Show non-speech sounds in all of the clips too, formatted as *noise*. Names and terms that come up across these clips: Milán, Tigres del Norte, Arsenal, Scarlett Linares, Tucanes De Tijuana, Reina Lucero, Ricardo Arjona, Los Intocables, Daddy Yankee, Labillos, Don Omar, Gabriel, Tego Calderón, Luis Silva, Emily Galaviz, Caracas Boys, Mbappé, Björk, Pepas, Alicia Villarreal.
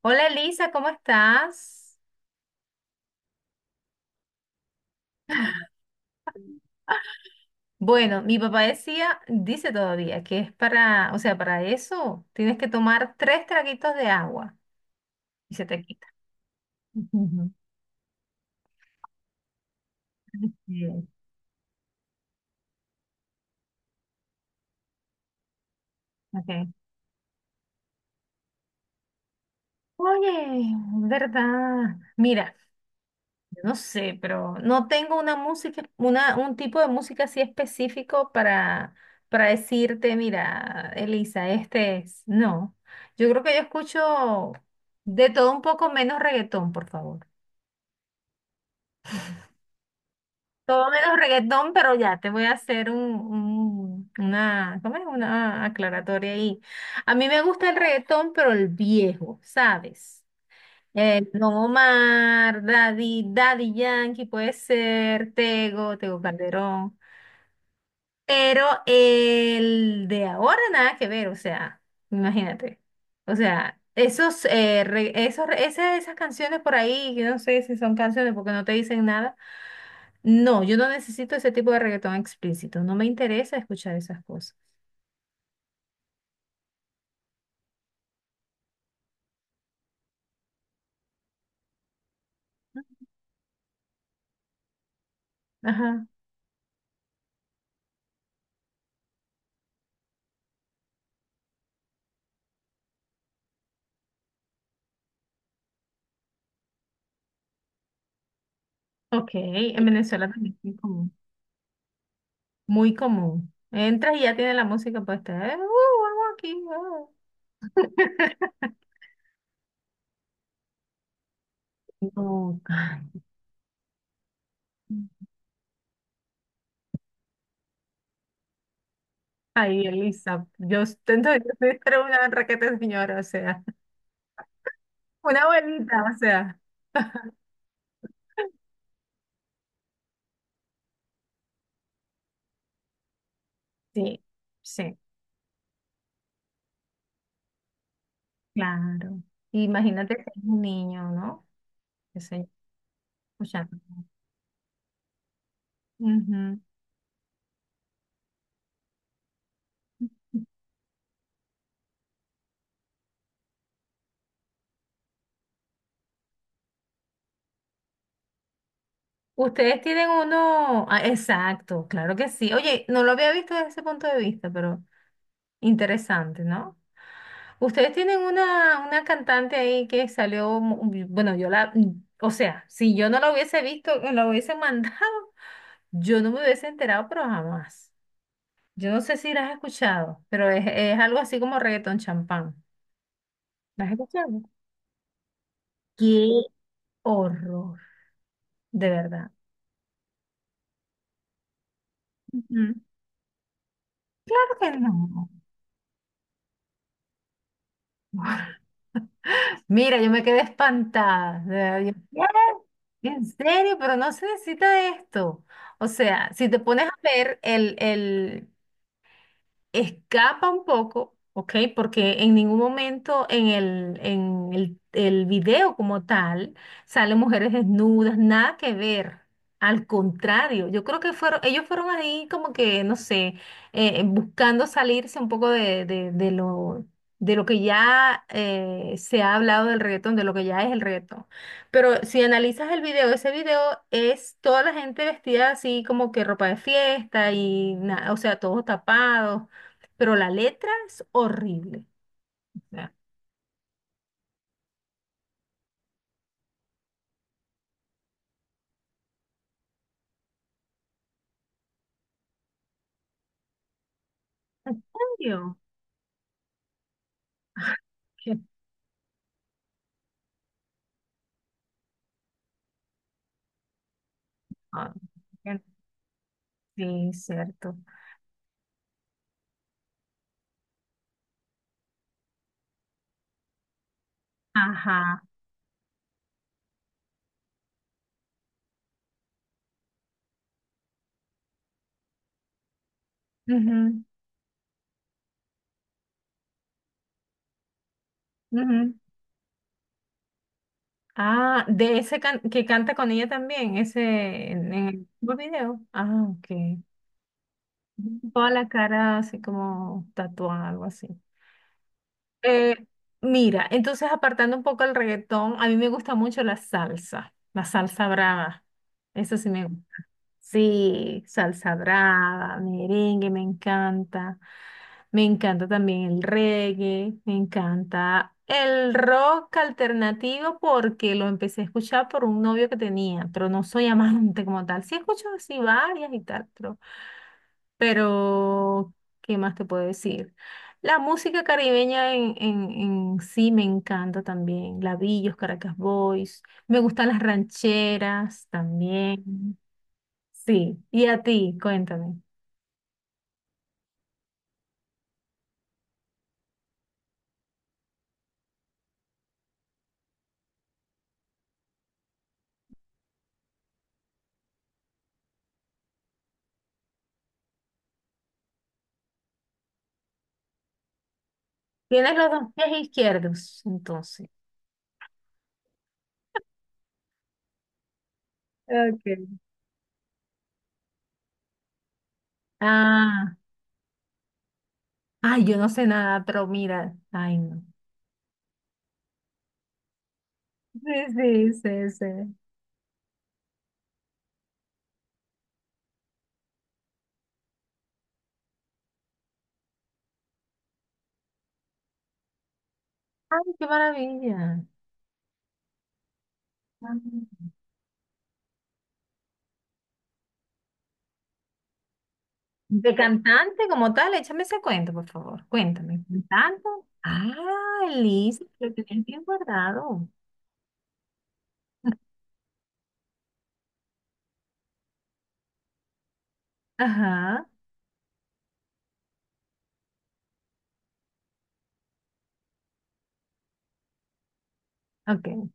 Hola Elisa, ¿cómo estás? Bueno, mi papá decía, dice todavía que es para, o sea, para eso tienes que tomar tres traguitos de agua y se te quita. *laughs* Ujú. Bien, ok. Oye, ¿verdad? Mira, yo no sé, pero no tengo una música, un tipo de música así específico para decirte, mira, Elisa, este es. No, yo creo que yo escucho de todo un poco menos reggaetón, por favor. Todo menos reggaetón, pero ya te voy a hacer una, ¿cómo es? Una aclaratoria ahí. A mí me gusta el reggaetón, pero el viejo, ¿sabes? Don Omar, Daddy Yankee, puede ser, Tego Calderón. Pero el de ahora nada que ver, o sea, imagínate. O sea, esos, re- esos, re- ese- esas canciones por ahí, yo no sé si son canciones porque no te dicen nada. No, yo no necesito ese tipo de reggaetón explícito. No me interesa escuchar esas cosas. Ajá. Ok, en Venezuela también es muy común. Muy común. Entras y ya tiene la música puesta. Algo aquí. *laughs* No, ay. Ay, Elisa, yo intento de Dios, debe ser una raqueta señora, o sea, *laughs* una abuelita, o sea. Sí, sí, claro. Imagínate que es un niño, ¿no? Que se escuchando. Ujú. Ustedes tienen uno, ah, exacto, claro que sí. Oye, no lo había visto desde ese punto de vista, pero interesante, ¿no? Ustedes tienen una cantante ahí que salió, bueno, yo la, o sea, si yo no la hubiese visto, la hubiese *laughs* mandado, yo no me hubiese enterado, pero jamás. Yo no sé si la has escuchado, pero es algo así como reggaetón champán. ¿La has escuchado? ¡Qué horror! De verdad. Ujú. Claro que no. Mira, yo me quedé espantada, de verdad, yo, ¿qué? En serio, pero no se necesita de esto. O sea, si te pones a ver escapa un poco, ¿ok? Porque en ningún momento en el video como tal salen mujeres desnudas, nada que ver. Al contrario, yo creo que fueron, ellos fueron ahí como que, no sé, buscando salirse un poco de lo que ya se ha hablado del reggaetón, de lo que ya es el reggaetón. Pero si analizas el video, ese video es toda la gente vestida así como que ropa de fiesta y, o sea, todos tapados pero la letra es horrible. O sea, ¿en serio? Qué padre. Sí, cierto. Ajá. Ujú, ujú. Ah, de que canta con ella también, ese en el mismo video. Ah, ok. Toda la cara así como tatuada, algo así. Eh, Mira, entonces apartando un poco el reggaetón, a mí me gusta mucho la salsa brava. Eso sí me gusta. Sí, salsa brava, merengue, me encanta. Me encanta también el reggae, me encanta el rock alternativo porque lo empecé a escuchar por un novio que tenía, pero no soy *laughs* amante como tal. Sí escucho así varias y tal, pero ¿qué más te puedo decir? La música caribeña en sí me encanta también. Labillos, Caracas Boys, me gustan las rancheras también. Sí, y a ti, cuéntame. Tienes los dos pies izquierdos, entonces. Ok. Ah, ay, yo no sé nada, pero mira, ay, no. Sí, sí, sí, sí. Ay, qué maravilla. Ah, de cantante como tal, échame ese cuento, por favor. Cuéntame. ¿Cantante? Ah, Liz, lo tenías bien guardado. *laughs* Ajá, ok.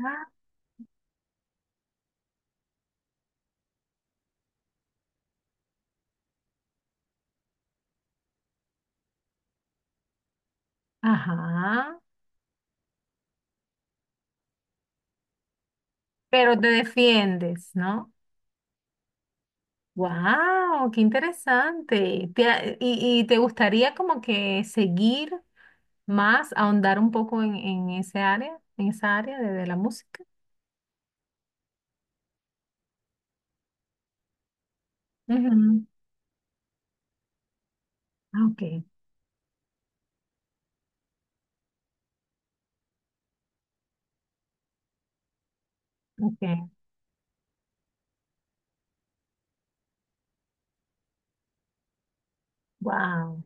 Ah, ajá, pero te defiendes, ¿no? Wow, qué interesante. ¿Y te gustaría como que seguir más, ahondar un poco en ese área, en esa área de la música? Ujú. Ah, ok, ok. Wow.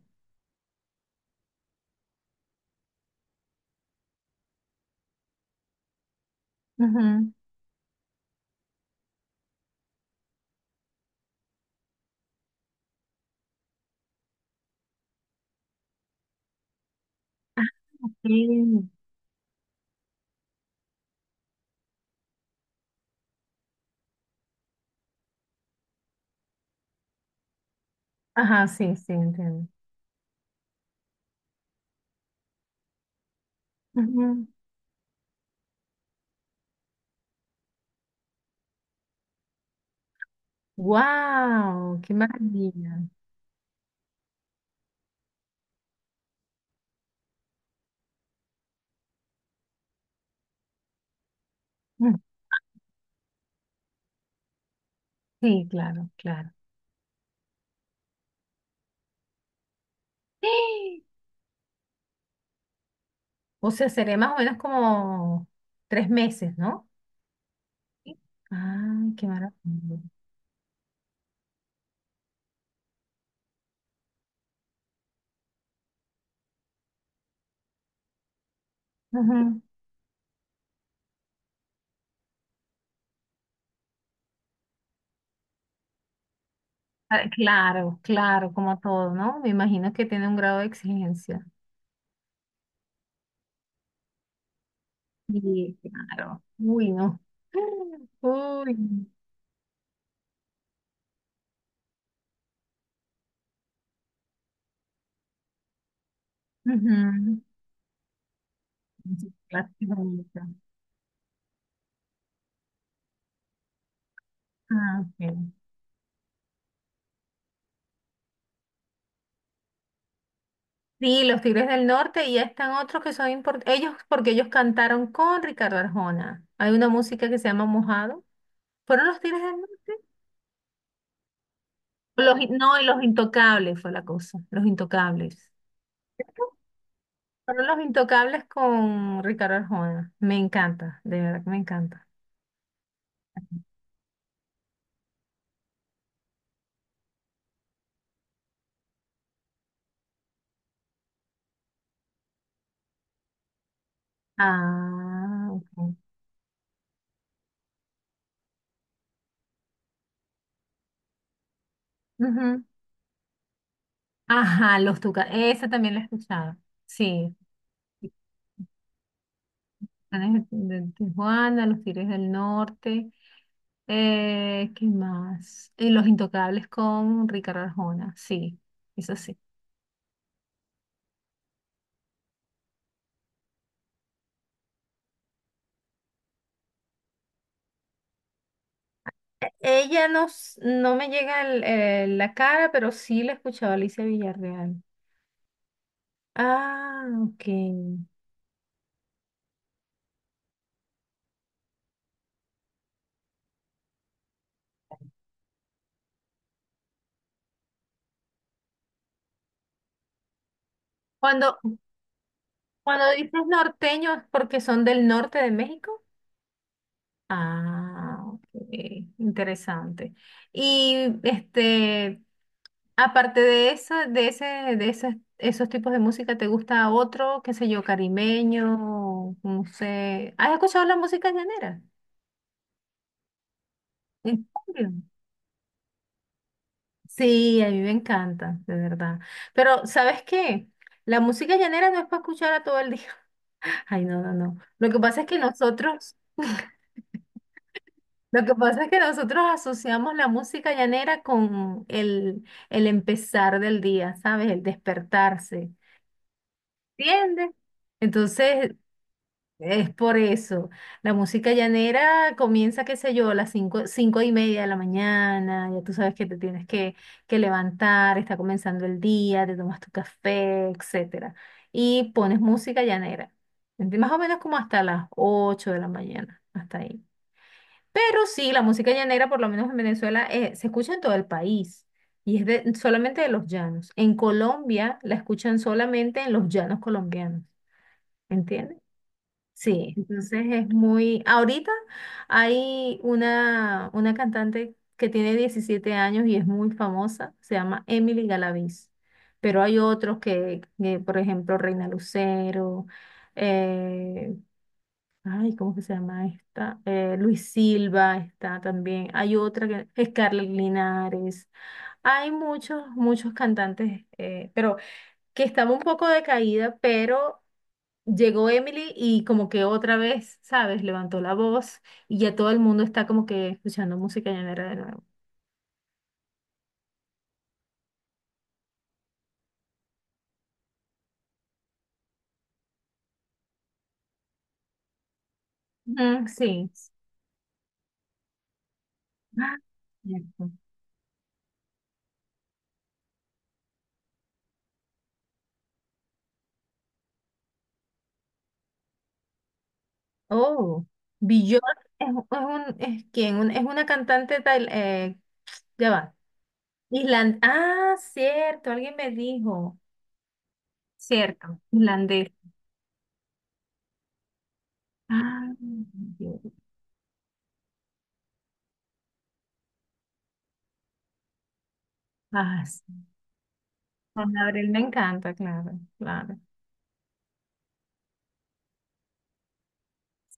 Sí. Ajá, sí, sí, entiendo. Wow, qué maravilla. Mm, sí, claro, claro. ¡Ah! O sea, sería más o menos como 3 meses, ¿no? Sí. Ay, qué maravilla. Ah, claro, claro, como todo, ¿no? Me imagino que tiene un grado de exigencia. Sí, claro. Uy, no. *gasps* *laughs* Uy. Ujú. Sí, claro, qué bonito. Ah, ok. Sí, los Tigres del Norte y ya están otros que son importantes. Ellos, porque ellos cantaron con Ricardo Arjona. Hay una música que se llama Mojado. ¿Fueron los Tigres del Norte? No, y los Intocables fue la cosa. Los Intocables. Fueron Los Intocables con Ricardo Arjona. Me encanta, de verdad que me encanta. Ah, ok. Ujú. Ajá, Los Tucanes. Esa también la he escuchado. Sí. Tucanes de Tijuana, Los Tigres del Norte. ¿Qué más? Y Los Intocables con Ricardo Arjona. Sí, eso sí. Ella no, no me llega la cara, pero sí la he escuchado a Alicia Villarreal. Ah, ok. Cuando, Cuando dices norteño es porque son del norte de México. Ah, ok, interesante. Y este, aparte de esos tipos de música, ¿te gusta otro, qué sé yo, carimeño? No sé. ¿Has escuchado la música llanera? ¿En serio? Sí, a mí me encanta, de verdad. Pero, ¿sabes qué? La música llanera no es para escuchar a todo el día. *laughs* Ay, no, no, no. Lo que pasa es que nosotros *laughs* Lo que pasa es que nosotros asociamos la música llanera con el empezar del día, ¿sabes? El despertarse, ¿entiendes? Entonces, es por eso. La música llanera comienza, qué sé yo, a las 5, 5:30 de la mañana, ya tú sabes que te tienes que levantar, está comenzando el día, te tomas tu café, etcétera. Y pones música llanera, ¿entiendes? Más o menos como hasta las 8 de la mañana, hasta ahí. Pero sí, la música llanera, por lo menos en Venezuela, se escucha en todo el país y es solamente de los llanos. En Colombia la escuchan solamente en los llanos colombianos, ¿entiendes? Sí, entonces es muy... Ahorita hay una cantante que tiene 17 años y es muy famosa, se llama Emily Galaviz, pero hay otros que, por ejemplo, Reina Lucero, eh, ay, ¿cómo que se llama esta? Luis Silva está también. Hay otra que Scarlett Linares. Hay muchos, muchos cantantes, pero que estaba un poco decaída, pero llegó Emily y como que otra vez, ¿sabes? Levantó la voz y ya todo el mundo está como que escuchando música llanera de nuevo. Ujú, sí. Ah, cierto. Oh, Björk es, es es, ¿quién? Es una cantante tal, ya va. Ah, cierto, alguien me dijo, cierto, islandés. Ah, Dios. Ah, sí. Con Gabriel me encanta, claro, claro.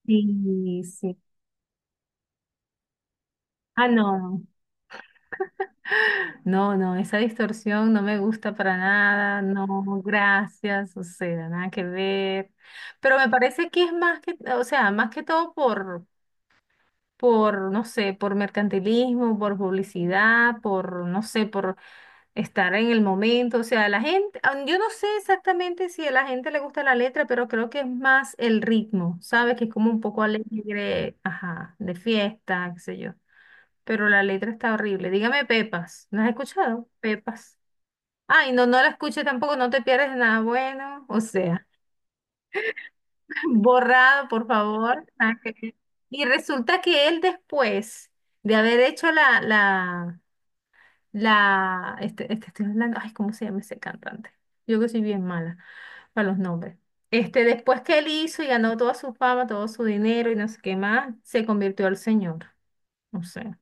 Sí, sí. Ah, no, no, no, esa distorsión no me gusta para nada, no, gracias, o sea, nada que ver. Pero me parece que es más que, o sea, más que todo por, no sé, por mercantilismo, por publicidad, por, no sé, por estar en el momento, o sea, la gente, ah, yo no sé exactamente si a la gente le gusta la letra, pero creo que es más el ritmo, ¿sabes? Que es como un poco alegre, ajá, de fiesta, qué sé yo. Pero la letra está horrible. Dígame Pepas, ¿no has escuchado? Pepas. Ay, no, no la escuches tampoco, no te pierdes de nada bueno, o sea, *laughs* borrado, por favor. Ah, y resulta que él después de haber hecho este, este estoy hablando, ay, ¿cómo se llama ese cantante? Yo que soy bien mala para los nombres. Este, después que él hizo y ganó toda su fama, todo su dinero y no sé qué más, se convirtió al señor. No sé,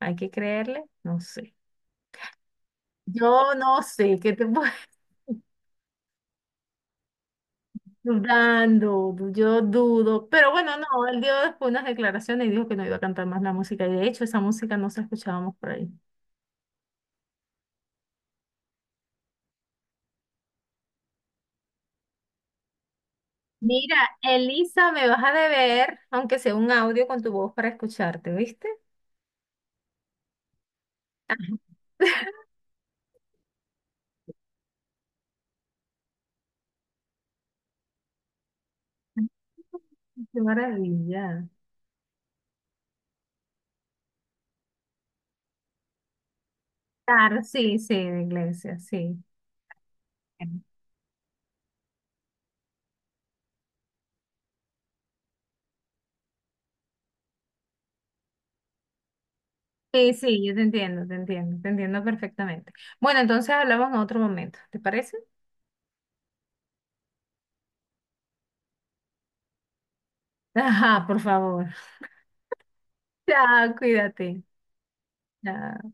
hay que creerle, no sé. Yo no sé, ¿qué te puedo *laughs* dudando? Yo dudo, pero bueno, no, él dio después unas declaraciones y dijo que no iba a cantar más la música y de hecho esa música no se escuchábamos por ahí. Mira, Elisa, me vas a deber, aunque sea un audio con tu voz para escucharte, ¿viste? *laughs* Qué maravilla. Claro, sí, sí, de iglesia, sí. Sí, sí, yo te entiendo, te entiendo, te entiendo perfectamente. Bueno, entonces hablamos en otro momento, ¿te parece? *laughs* Ajá, por favor. *laughs* Chao, cuídate. Chao.